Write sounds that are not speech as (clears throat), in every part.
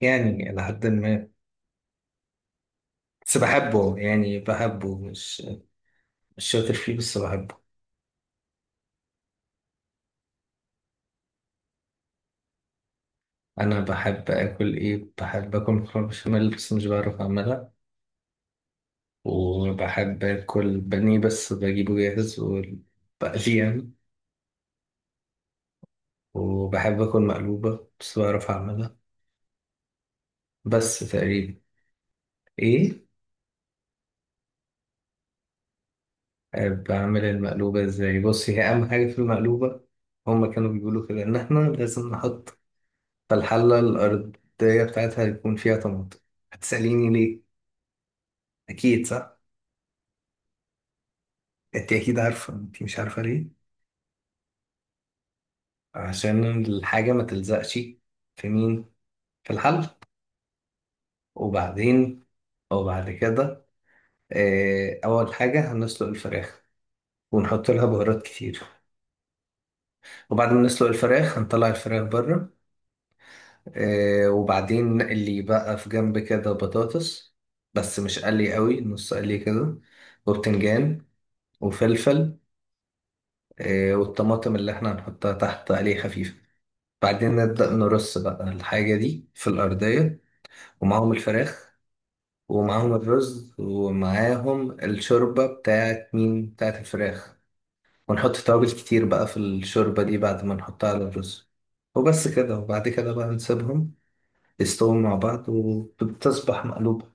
يعني إلى حد ما. بس بحبه، يعني بحبه مش شاطر فيه، بس بحبه. أنا بحب آكل إيه؟ بحب آكل مكرونة بشاميل بس مش بعرف أعملها. وبحب آكل بانيه بس بجيبه جاهز وبقليه يعني. وبحب آكل مقلوبة بس بعرف أعملها، بس تقريبا. إيه؟ بعمل المقلوبة إزاي؟ بص، هي أهم حاجة في المقلوبة، هما كانوا بيقولوا كده إن إحنا لازم نحط في الحلة الأرضية بتاعتها يكون فيها طماطم. هتسأليني ليه؟ اكيد صح. انت اكيد عارفه، انت مش عارفه ليه. عشان الحاجه ما تلزقش. في مين؟ في الحل وبعدين، او بعد كده، اول حاجه هنسلق الفراخ ونحط لها بهارات كتير. وبعد ما نسلق الفراخ هنطلع الفراخ بره. وبعدين نقلي بقى في جنب كده بطاطس، بس مش قلي قوي، نص قلي كده، وبتنجان وفلفل. والطماطم اللي احنا هنحطها تحت قلي خفيف. بعدين نبدأ نرص بقى الحاجة دي في الأرضية، ومعاهم الفراخ ومعاهم الرز ومعاهم الشوربة بتاعت مين؟ بتاعت الفراخ. ونحط توابل كتير بقى في الشوربة دي بعد ما نحطها على الرز. وبس كده، وبعد كده بقى نسيبهم يستووا مع بعض، وبتصبح مقلوبة.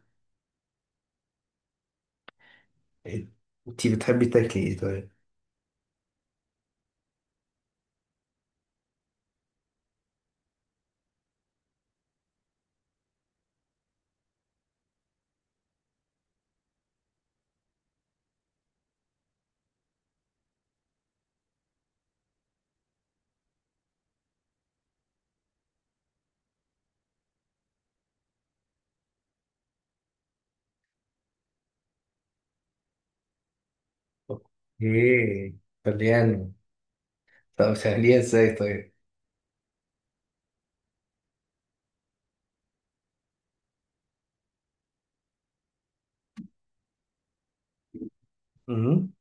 إيه؟ انتي بتحبي تاكلي ايه طيب؟ اوكي، طلياني. طب بتعمليها ازاي طيب؟ مهم.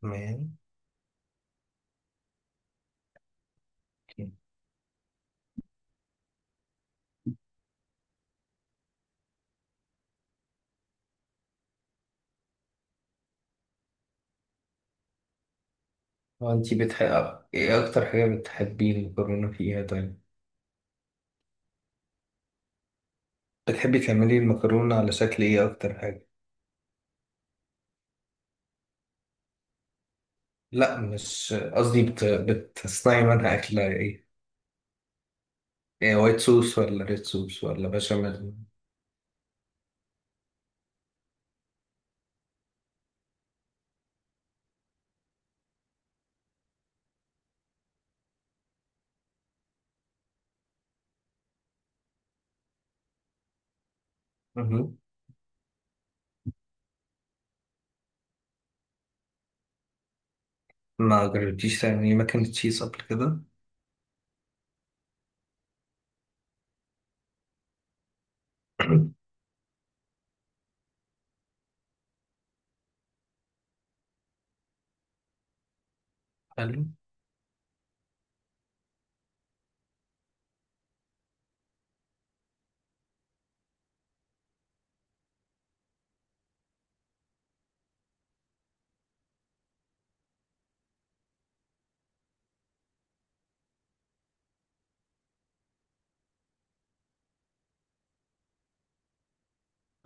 تمام. هو انتي بتحب ايه اكتر حاجة، بتحبي المكرونة فيها طيب؟ بتحبي تعملي المكرونة على شكل ايه اكتر حاجة؟ لا، مش قصدي، بتصنعي منها اكلة ايه؟ ايه، وايت صوص ولا ريد صوص ولا بشاميل؟ مهم. ما جربتيش تعملي ماكن تشيز قبل كده؟ (clears throat) حلو.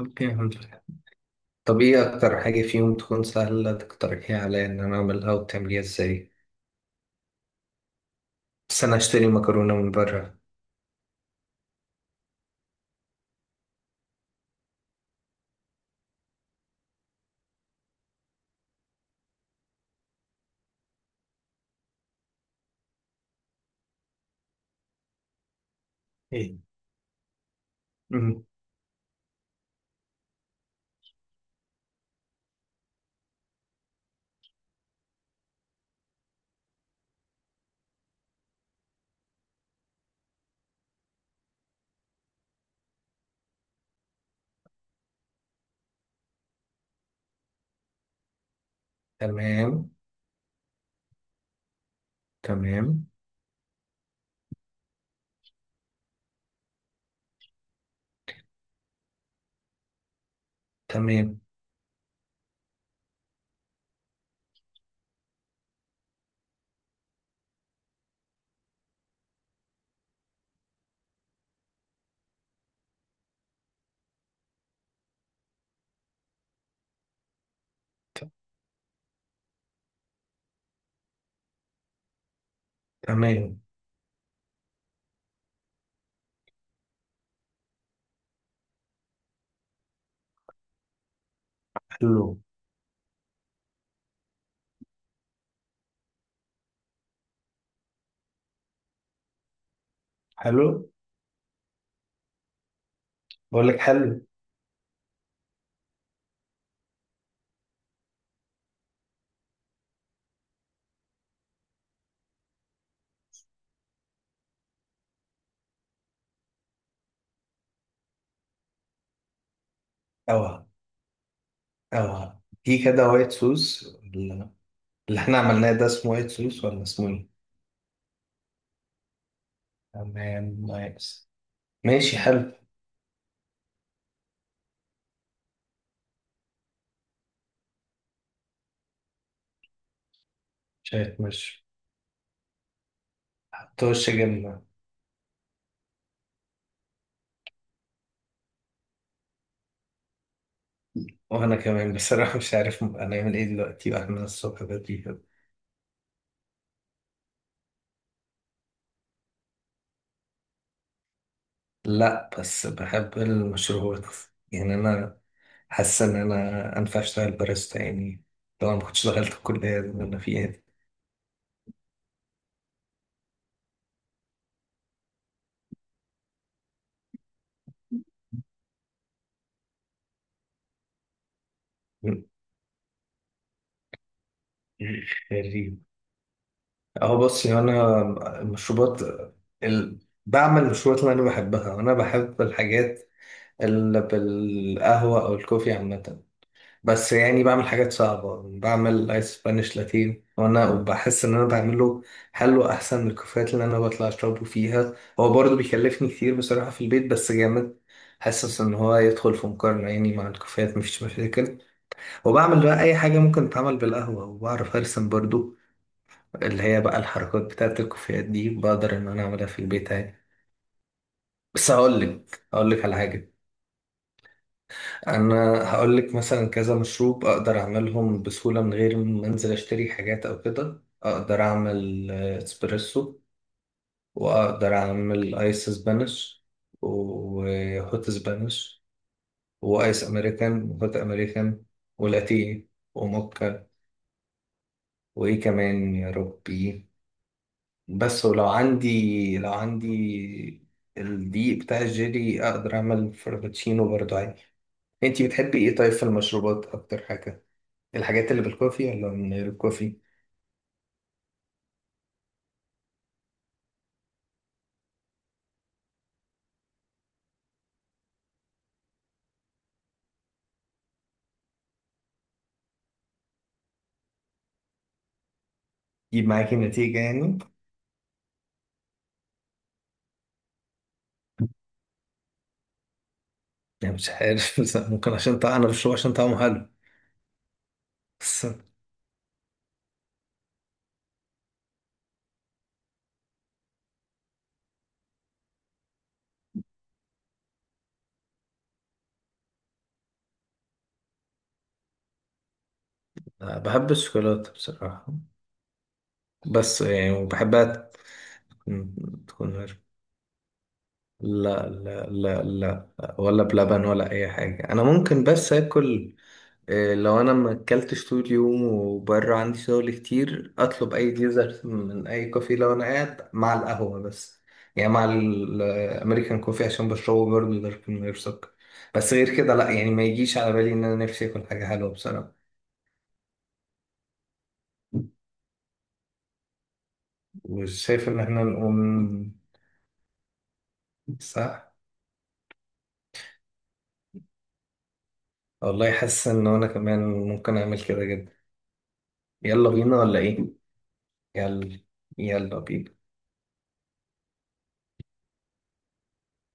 اوكي، الحمد لله. طب ايه اكتر حاجة فيهم تكون سهلة تقترحيها عليا ان انا اعملها، وتعمليها ازاي؟ بس انا اشتري مكرونة من بره. ايه؟ مهم. تمام. تمام. تمام. تمام. حلو. حلو. بقول لك حلو. اوعى، اوعى في كده وايت سوس اللي احنا عملناه ده اسمه وايت سوس ولا اسمه ايه؟ تمام، نايس. ماشي، حلو. شايف مش. حط وش جبنة. وانا كمان بصراحة مش عارف هنعمل ايه دلوقتي واحنا الصبح بدري كده. لا، بس بحب المشروبات. يعني انا حاسس ان انا انفع اشتغل باريستا يعني. طبعا ما كنتش دخلت الكلية اللي انا فيها دي. (laughs) خريج. اهو، بصي انا المشروبات ال... بعمل المشروبات اللي انا بحبها. انا بحب الحاجات اللي بالقهوه او الكوفي عامه. بس يعني بعمل حاجات صعبه، بعمل ايس سبانيش لاتين، وانا بحس ان انا بعمله حلو احسن من الكوفيات اللي انا بطلع اشربه فيها. هو برضه بيكلفني كتير بصراحه في البيت بس جامد. حاسس ان هو يدخل في مقارنه يعني مع الكوفيات مفيش مشاكل. وبعمل بقى اي حاجه ممكن تتعمل بالقهوه، وبعرف ارسم برضه، اللي هي بقى الحركات بتاعت الكوفيات دي، بقدر ان انا اعملها في البيت عادي. بس هقول لك، على حاجه. انا هقول لك مثلا كذا مشروب اقدر اعملهم بسهوله من غير ما انزل اشتري حاجات او كده. اقدر اعمل اسبريسو، واقدر اعمل ايس سبانش، وهوت سبانش، وايس امريكان وهوت امريكان، ولاتيه، وموكا، وايه كمان يا ربي. بس، ولو عندي، لو عندي الدقيق بتاع الجيلي، اقدر اعمل فرابتشينو برضو عادي. انتي بتحبي ايه طيب في المشروبات اكتر حاجة؟ الحاجات اللي بالكوفي ولا من غير الكوفي؟ تجيب معاكي نتيجة يعني. يعني مش عارف. (laughs) بس ممكن عشان طعم، انا بشربه عشان طعمه حلو بس. أنا بحب الشوكولاتة بصراحة، بس يعني وبحبها تكون تكون غير. لا لا لا لا، ولا بلبن ولا اي حاجة. انا ممكن بس اكل إيه، لو انا ما اكلتش طول اليوم وبره عندي شغل كتير، اطلب اي ديزرت من اي كوفي لو انا قاعد مع القهوه بس، يعني مع الامريكان كوفي، عشان بشربه برضه دارك من غير سكر. بس غير كده لا، يعني ما يجيش على بالي ان انا نفسي اكل حاجه حلوه بصراحه. وشايف ان احنا نقوم. صح والله، حاسس ان انا كمان ممكن اعمل كده جدا. يلا بينا ولا ايه؟ يلا. يلا بينا.